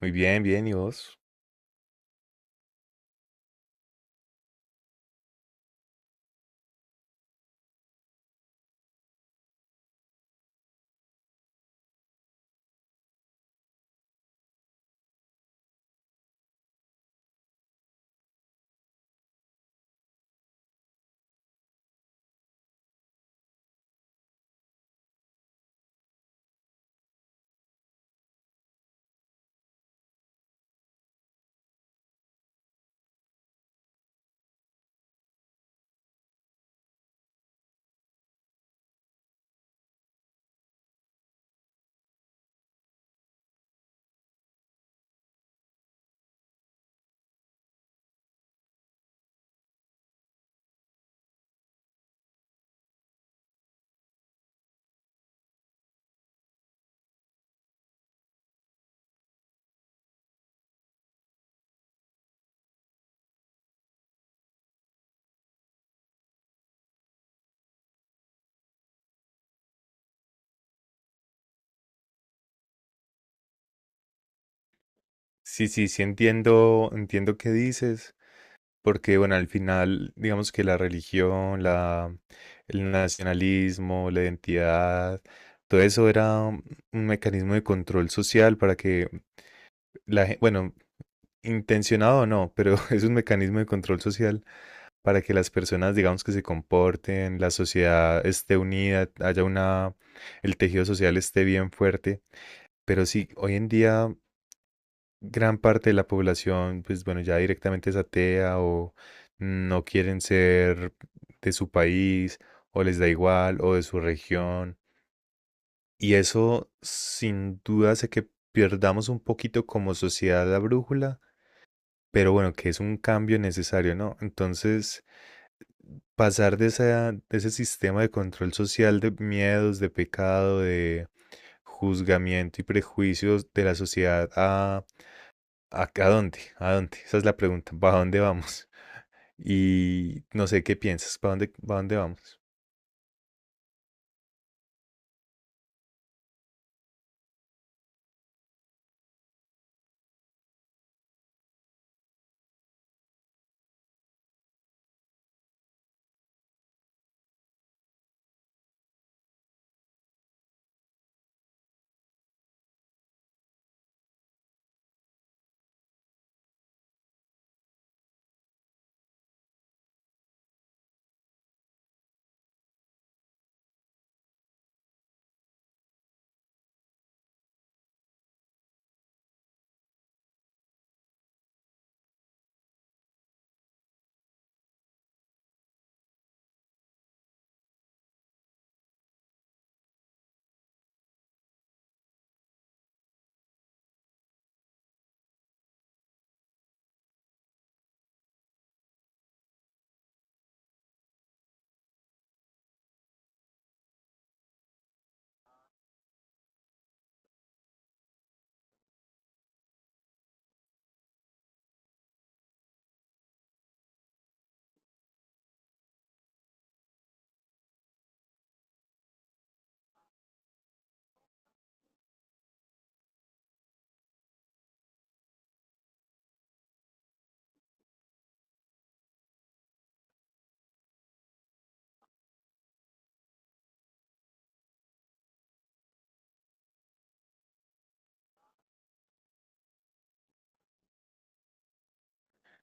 Muy bien, bien, ¿y vos? Sí, sí, sí entiendo qué dices, porque bueno, al final, digamos que la religión, el nacionalismo, la identidad, todo eso era un mecanismo de control social para que la gente, bueno, intencionado o no, pero es un mecanismo de control social para que las personas, digamos que se comporten, la sociedad esté unida, el tejido social esté bien fuerte. Pero sí, hoy en día gran parte de la población, pues bueno, ya directamente es atea o no quieren ser de su país o les da igual o de su región. Y eso sin duda hace que perdamos un poquito como sociedad la brújula, pero bueno, que es un cambio necesario, ¿no? Entonces, pasar de ese sistema de control social de miedos, de pecado, de juzgamiento y prejuicios de la sociedad a ¿A, a dónde? ¿A dónde? Esa es la pregunta. ¿Para dónde vamos? Y no sé qué piensas, ¿para dónde vamos?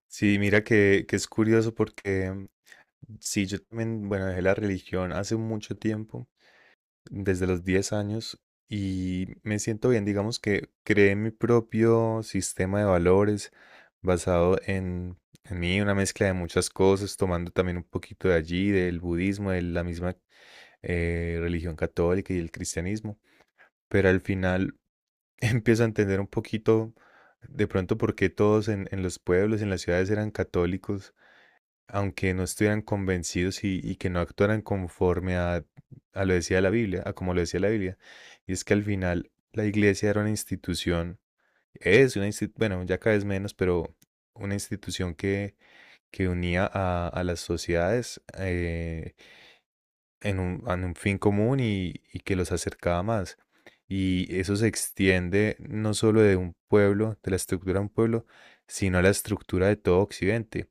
Sí, mira que es curioso porque sí, yo también, bueno, dejé la religión hace mucho tiempo, desde los 10 años, y me siento bien, digamos que creé mi propio sistema de valores basado en mí, una mezcla de muchas cosas, tomando también un poquito de allí, del budismo, de la misma religión católica y el cristianismo. Pero al final empiezo a entender un poquito de pronto por qué todos en los pueblos, en las ciudades eran católicos, aunque no estuvieran convencidos y que no actuaran conforme a lo decía la Biblia, a como lo decía la Biblia. Y es que al final la iglesia era una institución, es una institución, bueno, ya cada vez menos, pero una institución que unía a las sociedades, en en un fin común y que los acercaba más. Y eso se extiende no solo de un pueblo, de la estructura de un pueblo, sino a la estructura de todo Occidente.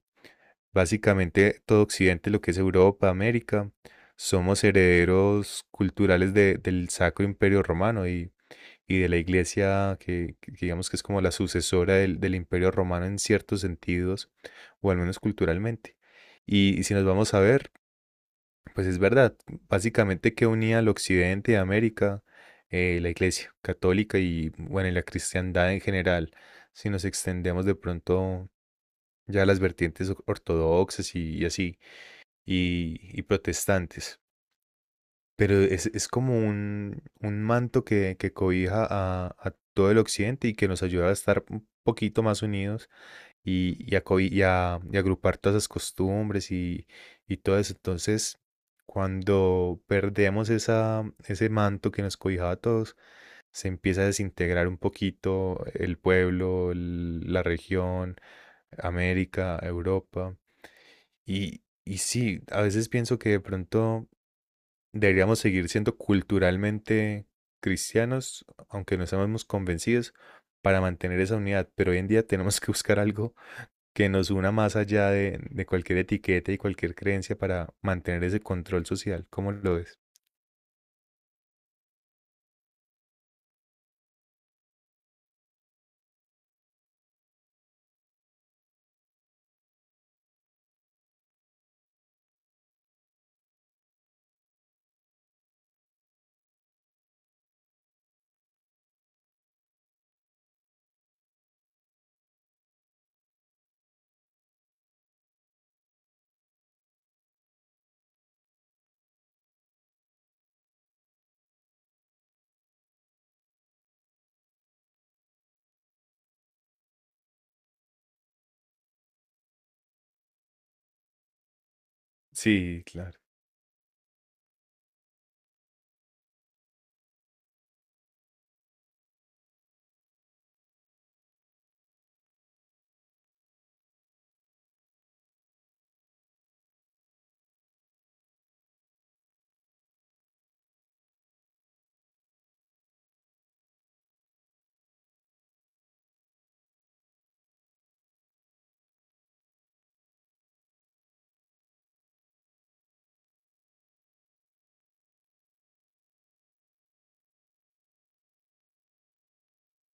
Básicamente todo Occidente, lo que es Europa, América, somos herederos culturales del Sacro Imperio Romano y de la Iglesia, que digamos que es como la sucesora del Imperio Romano en ciertos sentidos, o al menos culturalmente. Y si nos vamos a ver, pues es verdad, básicamente que unía al occidente de América la Iglesia católica y bueno, y la cristiandad en general, si nos extendemos de pronto ya a las vertientes ortodoxas y así, y protestantes. Pero es como un manto que cobija a todo el occidente y que nos ayuda a estar un poquito más unidos y a, co- y a- y agrupar todas esas costumbres y todo eso. Entonces, cuando perdemos ese manto que nos cobijaba a todos, se empieza a desintegrar un poquito el pueblo, la región, América, Europa. Y sí, a veces pienso que de pronto deberíamos seguir siendo culturalmente cristianos, aunque no estemos convencidos, para mantener esa unidad. Pero hoy en día tenemos que buscar algo que nos una más allá de cualquier etiqueta y cualquier creencia para mantener ese control social. ¿Cómo lo ves? Sí, claro.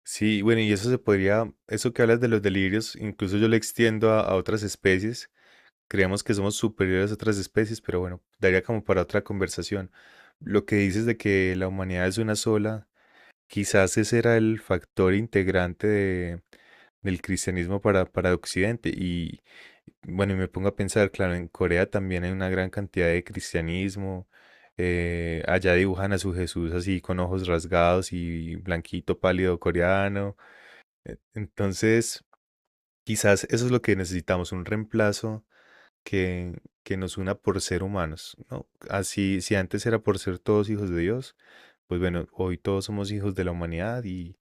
Sí, bueno, y eso se podría, eso que hablas de los delirios, incluso yo lo extiendo a otras especies. Creemos que somos superiores a otras especies, pero bueno, daría como para otra conversación. Lo que dices de que la humanidad es una sola, quizás ese era el factor integrante del cristianismo para Occidente. Y bueno, y me pongo a pensar, claro, en Corea también hay una gran cantidad de cristianismo. Allá dibujan a su Jesús así con ojos rasgados y blanquito pálido coreano. Entonces, quizás eso es lo que necesitamos, un reemplazo que nos una por ser humanos, ¿no? Así, si antes era por ser todos hijos de Dios, pues bueno, hoy todos somos hijos de la humanidad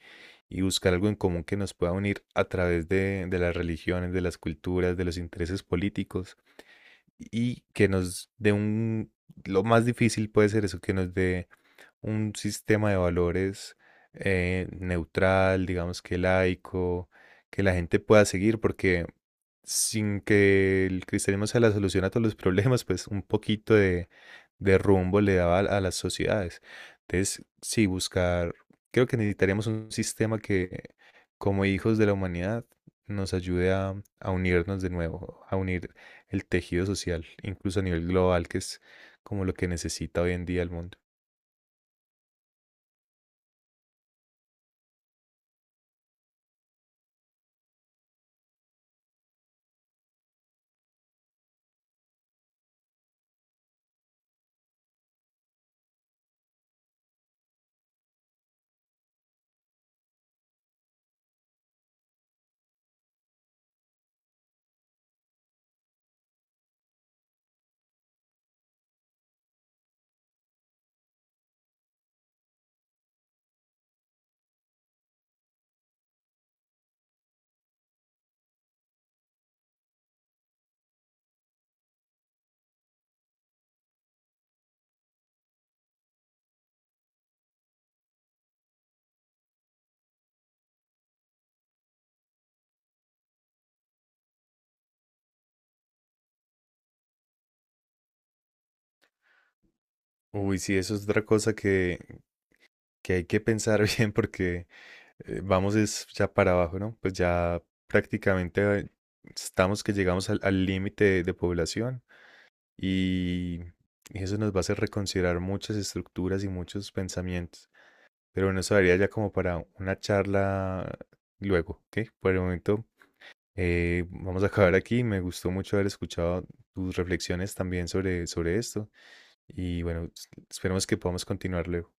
y buscar algo en común que nos pueda unir a través de las religiones, de las culturas, de los intereses políticos y que nos dé un... Lo más difícil puede ser eso, que nos dé un sistema de valores neutral, digamos que laico, que la gente pueda seguir, porque sin que el cristianismo sea la solución a todos los problemas, pues un poquito de rumbo le daba a las sociedades. Entonces, sí, buscar, creo que necesitaríamos un sistema que, como hijos de la humanidad, nos ayude a unirnos de nuevo, a unir el tejido social, incluso a nivel global, que es como lo que necesita hoy en día el mundo. Uy, sí, eso es otra cosa que hay que pensar bien porque vamos es ya para abajo, ¿no? Pues ya prácticamente estamos que llegamos al límite de población y, y eso nos va a hacer reconsiderar muchas estructuras y muchos pensamientos. Pero bueno, eso daría ya como para una charla luego, ¿ok? Por el momento vamos a acabar aquí. Me gustó mucho haber escuchado tus reflexiones también sobre, sobre esto y bueno, esperemos que podamos continuar luego.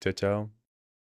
Chao, chao.